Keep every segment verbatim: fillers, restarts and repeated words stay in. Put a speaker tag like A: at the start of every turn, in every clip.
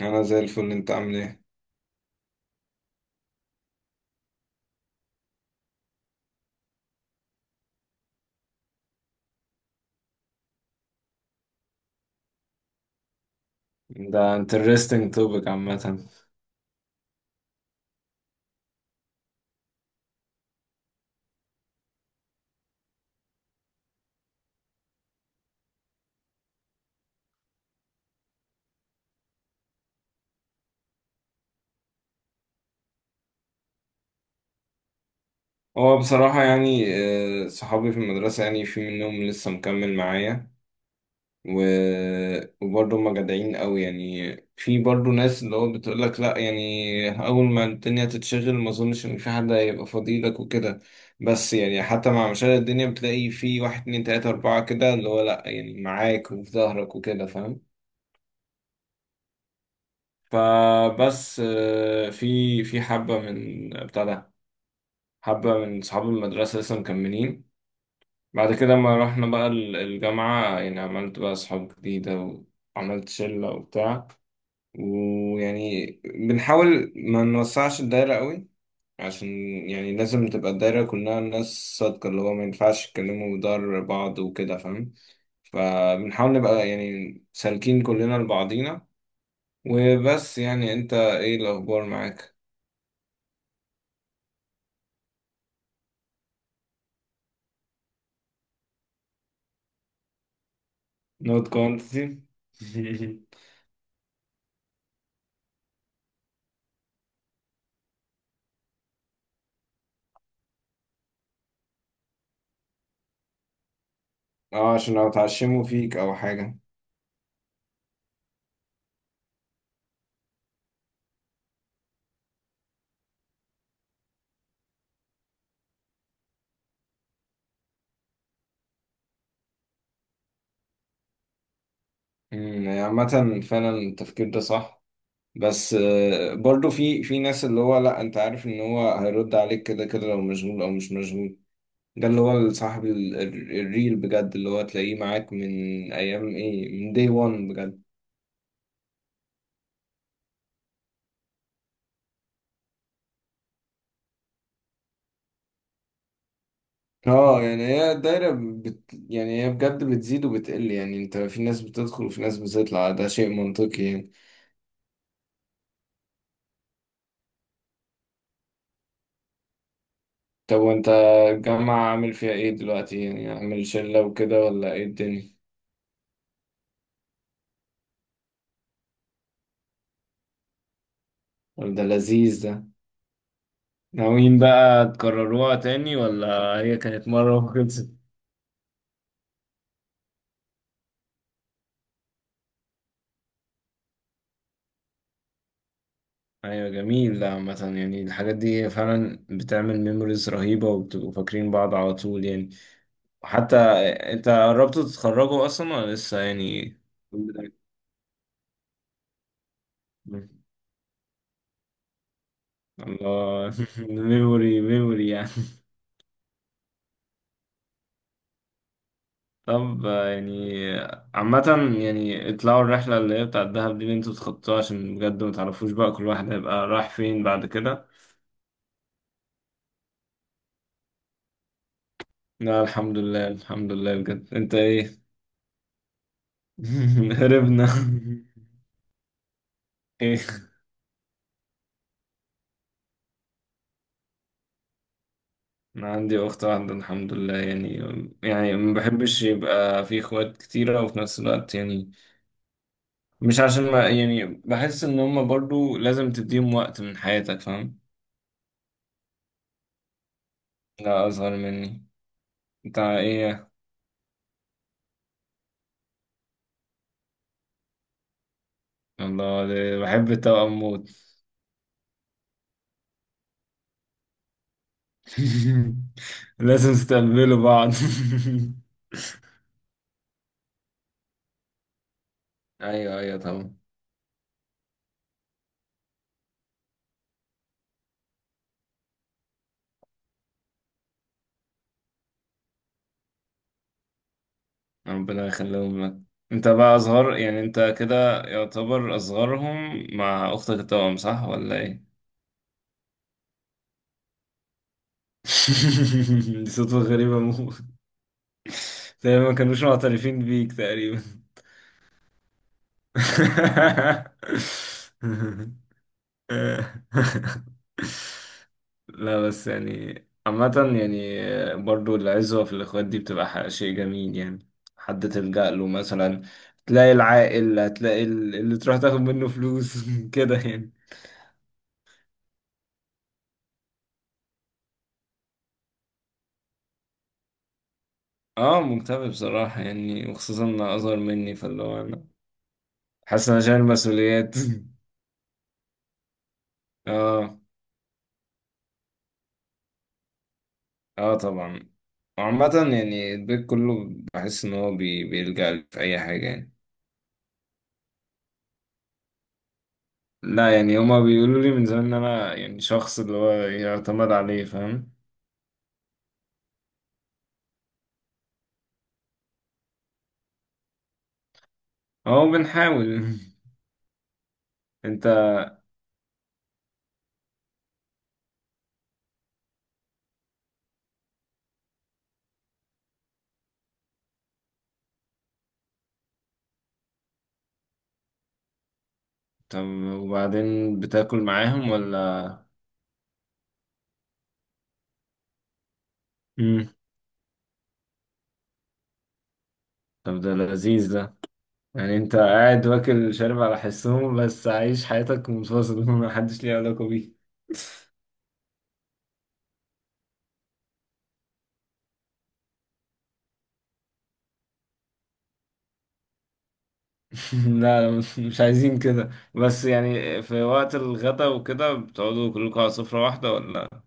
A: انا زي الفل. انت عامل ايه؟ ده interesting topic عامة. هو بصراحة يعني آه، صحابي في المدرسة، يعني في منهم لسه مكمل معايا، و... وبرضه هما جدعين قوي. يعني في برضه ناس اللي هو بتقولك لا، يعني أول ما الدنيا تتشغل ما أظنش إن في حد هيبقى فضيلك وكده. بس يعني حتى مع مشاغل الدنيا بتلاقي في واحد اتنين تلاتة أربعة كده اللي هو لا يعني معاك وفي ظهرك وكده، فاهم؟ فبس آه، في في حبة من بتاع ده، حبة من صحاب المدرسة لسه مكملين. بعد كده ما رحنا بقى ال- الجامعة يعني عملت بقى صحاب جديدة، وعملت شلة وبتاع. ويعني بنحاول ما نوسعش الدايرة قوي، عشان يعني لازم تبقى الدايرة كلها ناس صادقة، اللي هو ما ينفعش يتكلموا ضر بعض وكده، فاهم؟ فبنحاول نبقى يعني سالكين كلنا لبعضينا. وبس، يعني انت ايه الأخبار معاك؟ Not quantity. اه، عشان لو اتعشموا فيك أو حاجة. مم، يعني عامة فعلا التفكير ده صح. بس آه، برضو في في ناس اللي هو لا، انت عارف ان هو هيرد عليك كده كده، لو مشغول او مش مشغول. ده اللي هو صاحب ال- ال- الريل بجد، اللي هو تلاقيه معاك من ايام ايه، من داي واحد بجد. اه يعني هي الدايرة بت، يعني هي بجد بتزيد وبتقل، يعني انت في ناس بتدخل وفي ناس بتطلع، ده شيء منطقي يعني. طب وانت الجامعة عامل فيها ايه دلوقتي؟ يعني عامل شلة وكده ولا ايه الدنيا؟ ولا ده لذيذ ده؟ ناويين بقى تكرروها تاني ولا هي كانت مرة وخلصت؟ أيوة جميل. لا مثلا يعني الحاجات دي فعلا بتعمل ميموريز رهيبة، وبتبقوا فاكرين بعض على طول يعني. وحتى أنت قربتوا تتخرجوا أصلا ولا لسه يعني؟ الله. ميموري ميموري يعني. طب آه، يعني عامة، يعني اطلعوا الرحلة اللي هي بتاعت الدهب دي اللي انتوا تخطوها، عشان بجد ما تعرفوش بقى كل واحد هيبقى رايح فين بعد كده. لا الحمد لله، الحمد لله بجد. انت ايه؟ هربنا. ايه. انا عندي اخت واحده الحمد لله يعني. يعني ما بحبش يبقى في اخوات كتيره وفي نفس الوقت يعني، مش عشان ما يعني بحس ان هما برضو لازم تديهم وقت من حياتك، فاهم؟ لا اصغر مني. انت ايه؟ الله، ده بحب التوأم موت. لازم تستقبلوا بعض. ايوه ايوه طبعا. ربنا يخليهم لك. انت بقى اصغر، يعني انت كده يعتبر اصغرهم مع اختك التوأم، صح ولا ايه؟ دي صدفة غريبة موت. تقريبا ما كانوش معترفين بيك تقريبا. آه. لا بس يعني عامة، يعني آه، برضو العزوة في الإخوات دي بتبقى ح- شيء جميل يعني. حد تلجأ له مثلا، تلاقي العاقل، هتلاقي ال- اللي تروح تاخد منه فلوس كده يعني. اه مكتئب بصراحة، يعني وخصوصا إن أصغر مني، فاللي هو أنا حاسس إن أنا شايل مسؤوليات. اه. اه طبعا. وعامة يعني البيت كله بحس إن هو بي- بيلجأ لي في أي حاجة يعني. لا يعني هما بيقولوا لي من زمان ان انا يعني شخص اللي هو يعتمد عليه، فاهم؟ اهو بنحاول. انت طب وبعدين بتاكل معاهم ولا؟ مم. طب ده لذيذ ده. يعني انت قاعد واكل شارب على حسهم، بس عايش حياتك منفصل محدش ليه علاقة بيك. لا مش مش عايزين كده. بس يعني في وقت الغدا وكده بتقعدوا كلكم على سفرة واحدة ولا؟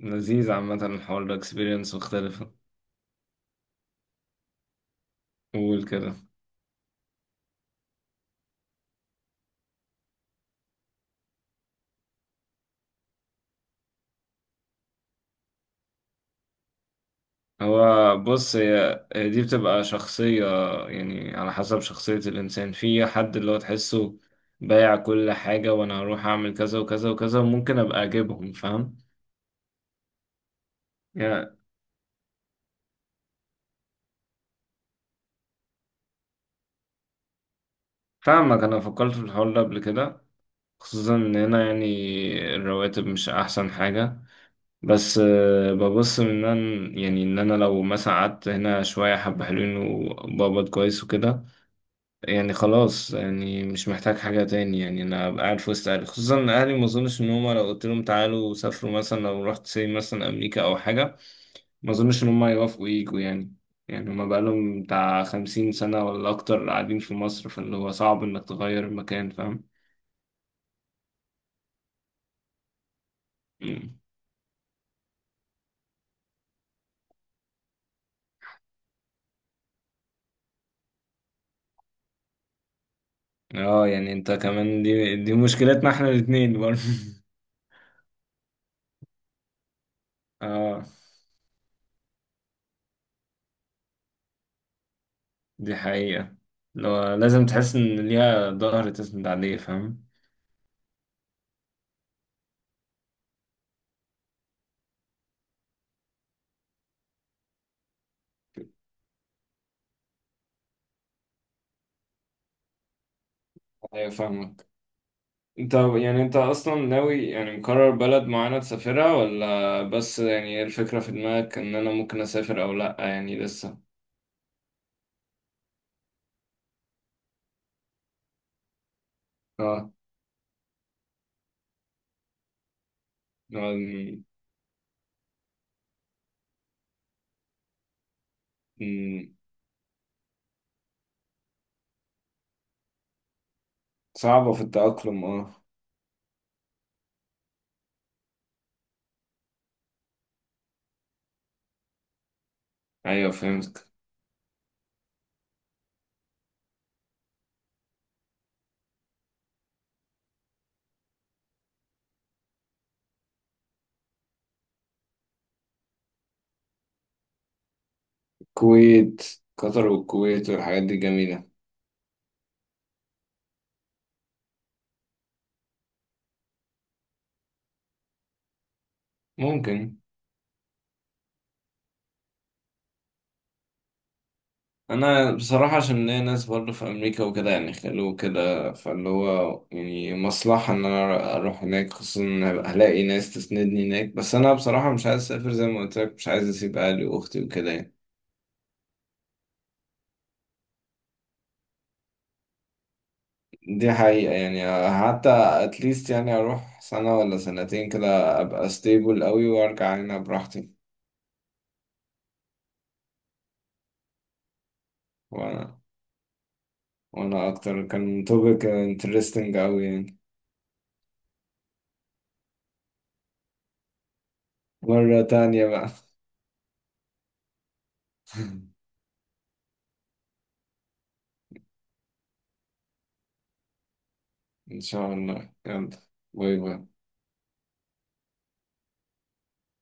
A: لذيذ. عامة الحوار ده اكسبيرينس مختلفة. قول كده. هو بص، هي هي دي بتبقى شخصية، يعني على حسب شخصية الإنسان. في حد اللي هو تحسه بايع كل حاجة، وأنا هروح أعمل كذا وكذا وكذا، وممكن أبقى أجيبهم، فاهم يعني؟ فاهمك، أنا فكرت في الحوار ده قبل كده. خصوصا إن هنا يعني الرواتب مش أحسن حاجة. بس آه، ببص من إن أنا، يعني إن أنا لو مثلا قعدت هنا شوية، حبة حلوين وبقبض كويس وكده، يعني خلاص يعني مش محتاج حاجة تاني. يعني أنا أبقى قاعد في وسط أهلي، خصوصا إن أهلي ما أظنش إن هما لو قلت لهم تعالوا سافروا مثلا، لو رحت سي مثلا أمريكا أو حاجة، ما أظنش إن هما يوافقوا ييجوا يعني. يعني هما بقالهم بتاع خمسين سنة ولا أكتر قاعدين في مصر، فاللي هو صعب إنك تغير المكان، فاهم؟ مم. اه يعني انت كمان دي دي مشكلتنا احنا الاتنين برضه. اه دي حقيقة. لو لازم تحس إن ليها ظهر تسند عليه، فاهم. أيوة فاهمك. انت يعني انت اصلا ناوي، يعني مقرر بلد معينة تسافرها، ولا بس يعني ايه الفكرة في دماغك؟ ان انا ممكن اسافر او لا يعني لسه. اه. ن- ن- صعبة في التأقلم اه. ايوه فهمت. الكويت، قطر والكويت والحاجات دي جميلة. ممكن. انا بصراحه عشان ليا ناس برضه في امريكا وكده، يعني خلوه كده، فاللي هو يعني مصلحه ان انا اروح هناك، خصوصا ان هبقى هلاقي ناس تسندني هناك. بس انا بصراحه مش عايز اسافر، زي ما قلت لك مش عايز اسيب اهلي واختي وكده يعني. دي حقيقه يعني. حتى اتليست يعني اروح سنه ولا سنتين كده، ابقى ستيبل قوي وارجع هنا براحتي. وانا وانا اكتر كان توبك انترستنج قوي يعني. مره تانية بقى. ان شاء الله، يلا، باي باي.